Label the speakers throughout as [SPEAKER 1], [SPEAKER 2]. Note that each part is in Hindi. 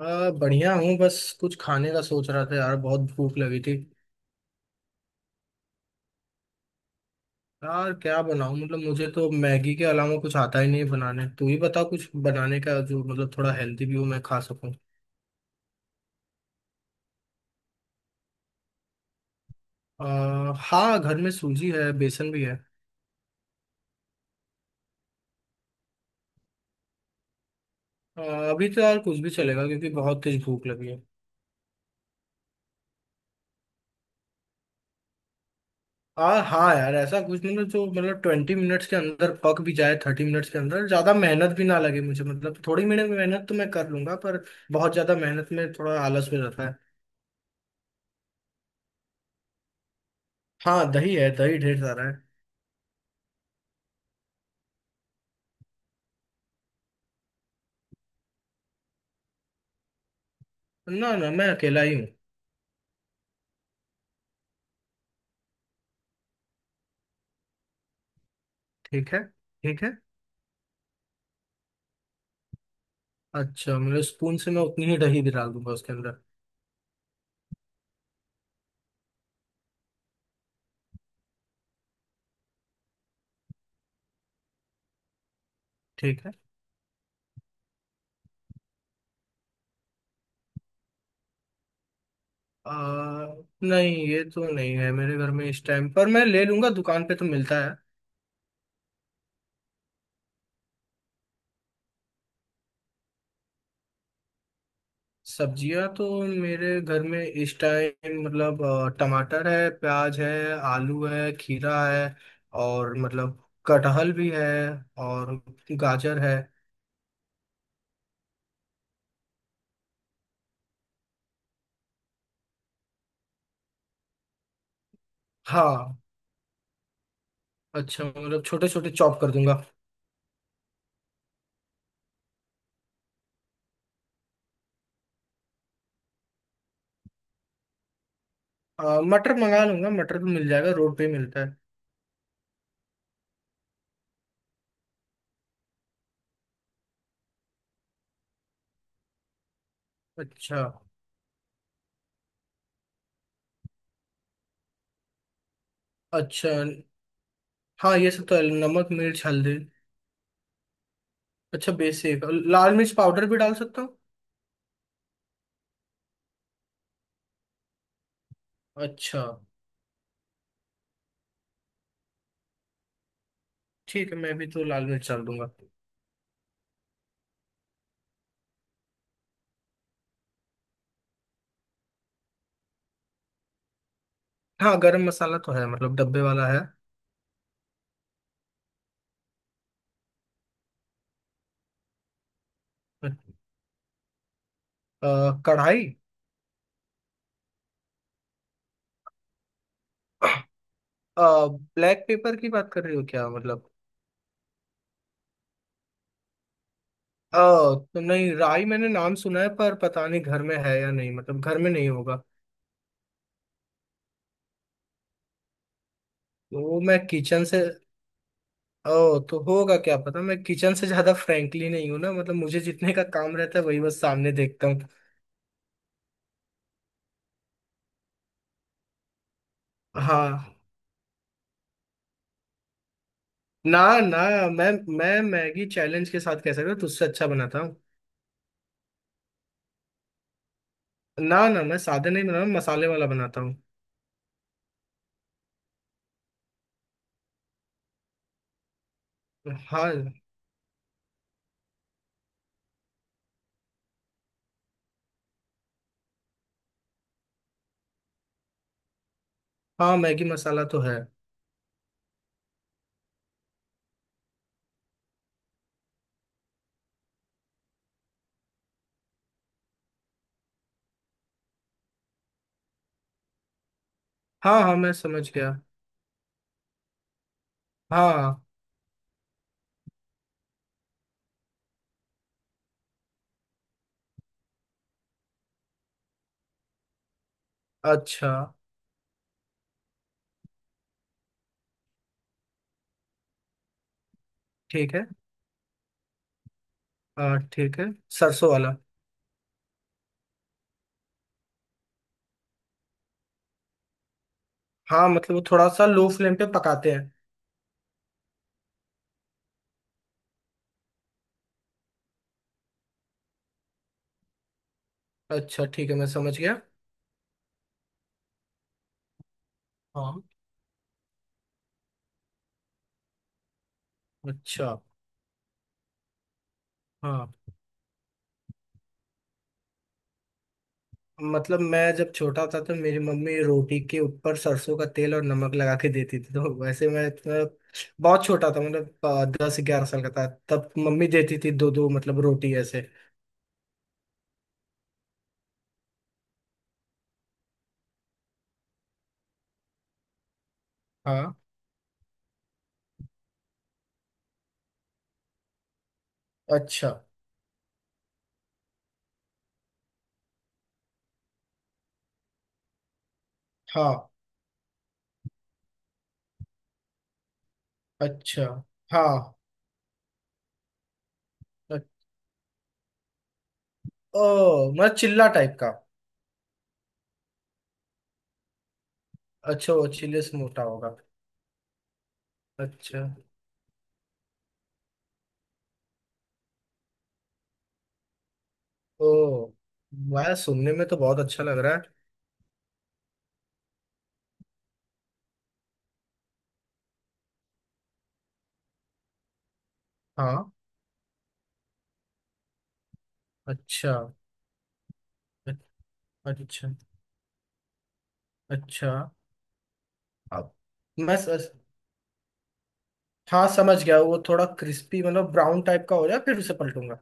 [SPEAKER 1] बढ़िया हूँ, बस कुछ खाने का सोच रहा था यार, बहुत भूख लगी थी। यार क्या बनाऊँ? मतलब मुझे तो मैगी के अलावा कुछ आता ही नहीं है बनाने। तू ही बता कुछ बनाने का जो मतलब थोड़ा हेल्दी भी हो, मैं खा सकूँ। हाँ, घर में सूजी है, बेसन भी है। आ, अभी तो यार कुछ भी चलेगा क्योंकि बहुत तेज भूख लगी है। हाँ यार, ऐसा कुछ मतलब जो मतलब 20 मिनट्स के अंदर पक भी जाए, 30 मिनट्स के अंदर, ज़्यादा मेहनत भी ना लगे मुझे। मतलब थोड़ी मिनट मेहनत तो मैं कर लूंगा, पर बहुत ज़्यादा मेहनत में थोड़ा आलस भी रहता है। हाँ, दही है, दही ढेर सारा है। ना ना, मैं अकेला ही हूँ। ठीक है। ठीक है। अच्छा, मेरे स्पून से मैं उतनी ही दही भी डाल दूंगा उसके अंदर। ठीक है। आ, नहीं, ये तो नहीं है मेरे घर में इस टाइम पर। मैं ले लूंगा, दुकान पे तो मिलता है। सब्जियां तो मेरे घर में इस टाइम मतलब टमाटर है, प्याज है, आलू है, खीरा है, और मतलब कटहल भी है, और गाजर है। हाँ। अच्छा, मतलब छोटे छोटे चॉप कर दूंगा। मटर मंगा लूंगा, मटर तो मिल जाएगा, रोड पे ही मिलता है। अच्छा। अच्छा। हाँ, ये सब तो है, नमक मिर्च हल्दी। अच्छा, बेसिक लाल मिर्च पाउडर भी डाल सकता हूँ। अच्छा ठीक है, मैं भी तो लाल मिर्च डाल दूंगा। हाँ, गरम मसाला तो है, मतलब डब्बे वाला है। कढ़ाई? ब्लैक पेपर की बात कर रही हो क्या, मतलब? तो नहीं, राई मैंने नाम सुना है पर पता नहीं घर में है या नहीं, मतलब घर में नहीं होगा। तो मैं किचन से ओ, तो होगा, क्या पता। मैं किचन से ज्यादा फ्रैंकली नहीं हूं ना, मतलब मुझे जितने का काम रहता है वही बस सामने देखता हूँ। हाँ। ना ना, मैं मैं मैगी चैलेंज के साथ कह सकता हूँ, तुझसे अच्छा बनाता हूँ। ना ना, मैं सादे नहीं बनाता, मसाले वाला बनाता हूँ। हाँ। हाँ, मैगी मसाला तो है। हाँ हाँ, मैं समझ गया। हाँ। अच्छा। ठीक है। हाँ ठीक है, सरसों वाला? हाँ, मतलब वो थोड़ा सा लो फ्लेम पे पकाते हैं। अच्छा ठीक है, मैं समझ गया। हाँ। अच्छा। हाँ, मतलब मैं जब छोटा था तो मेरी मम्मी रोटी के ऊपर सरसों का तेल और नमक लगा के देती थी, तो वैसे मैं मतलब बहुत छोटा था, मतलब 10 11 साल का था। तब मम्मी देती थी दो दो, मतलब रोटी ऐसे। हाँ। अच्छा। हाँ। अच्छा। हाँ। अ- ओ, मतलब चिल्ला टाइप का? अच्छा, वो चिल्ले से मोटा होगा। अच्छा। ओ वाह, सुनने में तो बहुत अच्छा लग रहा है। हाँ। अच्छा। अ- अच्छा। अच्छा। अब मैं हाँ, समझ गया, वो थोड़ा क्रिस्पी मतलब ब्राउन टाइप का हो जाए फिर उसे पलटूंगा।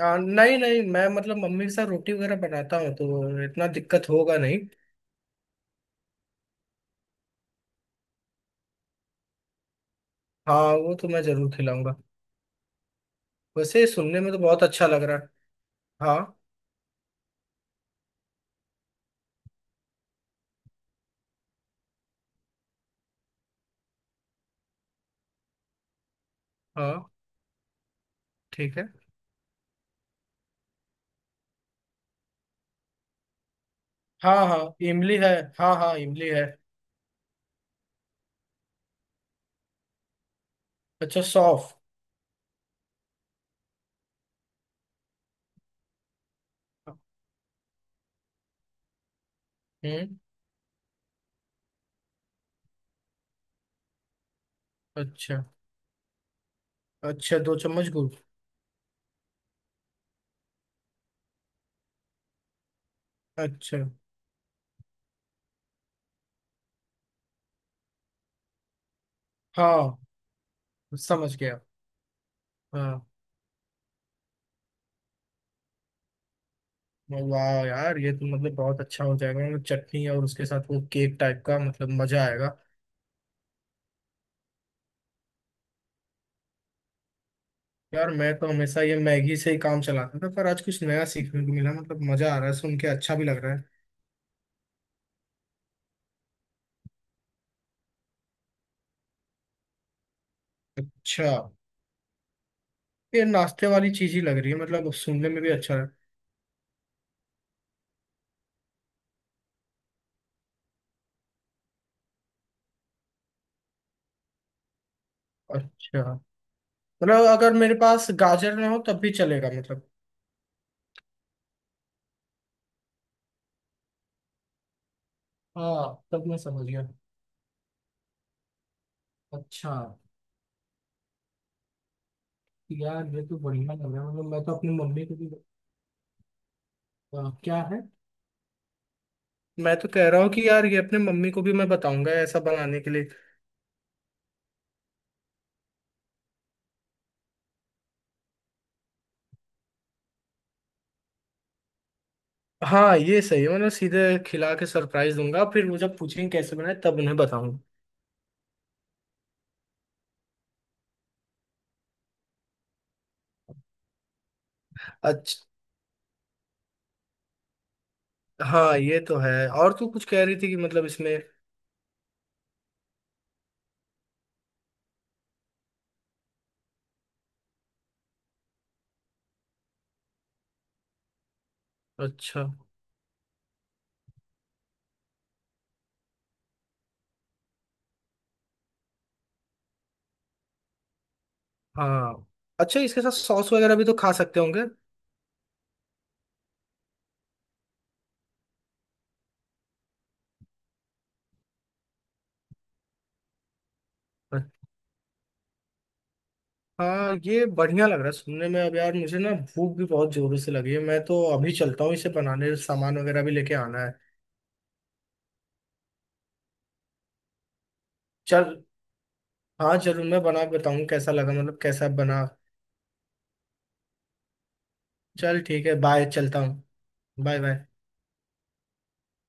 [SPEAKER 1] नहीं नहीं, मैं मतलब मम्मी के साथ रोटी वगैरह बनाता हूँ तो इतना दिक्कत होगा नहीं। हाँ, वो तो मैं जरूर खिलाऊंगा। वैसे सुनने में तो बहुत अच्छा लग रहा है। हाँ। हाँ ठीक है। हाँ हाँ, इमली है। हाँ हाँ, इमली है। अच्छा, सौंफ। हम्म। अच्छा। अच्छा, 2 चम्मच गुड़। अच्छा। हाँ, समझ गया। हाँ। वाह यार, ये तो मतलब बहुत अच्छा हो जाएगा, मतलब चटनी और उसके साथ वो केक टाइप का, मतलब मजा आएगा। यार मैं तो हमेशा ये मैगी से ही काम चलाता था, पर आज कुछ नया सीखने को मिला, मतलब मजा आ रहा है, सुन के अच्छा भी लग रहा है। अच्छा। ये नाश्ते वाली चीज ही लग रही है, मतलब सुनने में भी अच्छा है। अच्छा, मतलब अगर मेरे पास गाजर ना हो तब भी चलेगा मतलब। हाँ, तब मैं समझ गया। अच्छा। यार ये तो बढ़िया लग रहा है, मतलब मैं तो अपनी मम्मी को भी। क्या है? मैं तो कह रहा हूँ कि यार ये अपने मम्मी को भी मैं बताऊंगा ऐसा बनाने के लिए। हाँ ये सही है, मतलब सीधे खिला के सरप्राइज दूंगा, फिर वो जब पूछेंगे कैसे बनाए तब उन्हें बताऊंगा। अच्छा। हाँ ये तो है। और तू कुछ कह रही थी कि मतलब इसमें। अच्छा। हाँ। अच्छा, इसके साथ सॉस वगैरह भी तो खा सकते होंगे। हाँ ये बढ़िया लग रहा है सुनने में। अब यार मुझे ना भूख भी बहुत जोरों से लगी है, मैं तो अभी चलता हूँ इसे बनाने, सामान वगैरह भी लेके आना है। चल। हाँ जरूर, मैं बना के बताऊँ कैसा लगा, मतलब कैसा बना। चल ठीक है, बाय, चलता हूँ। Bye bye.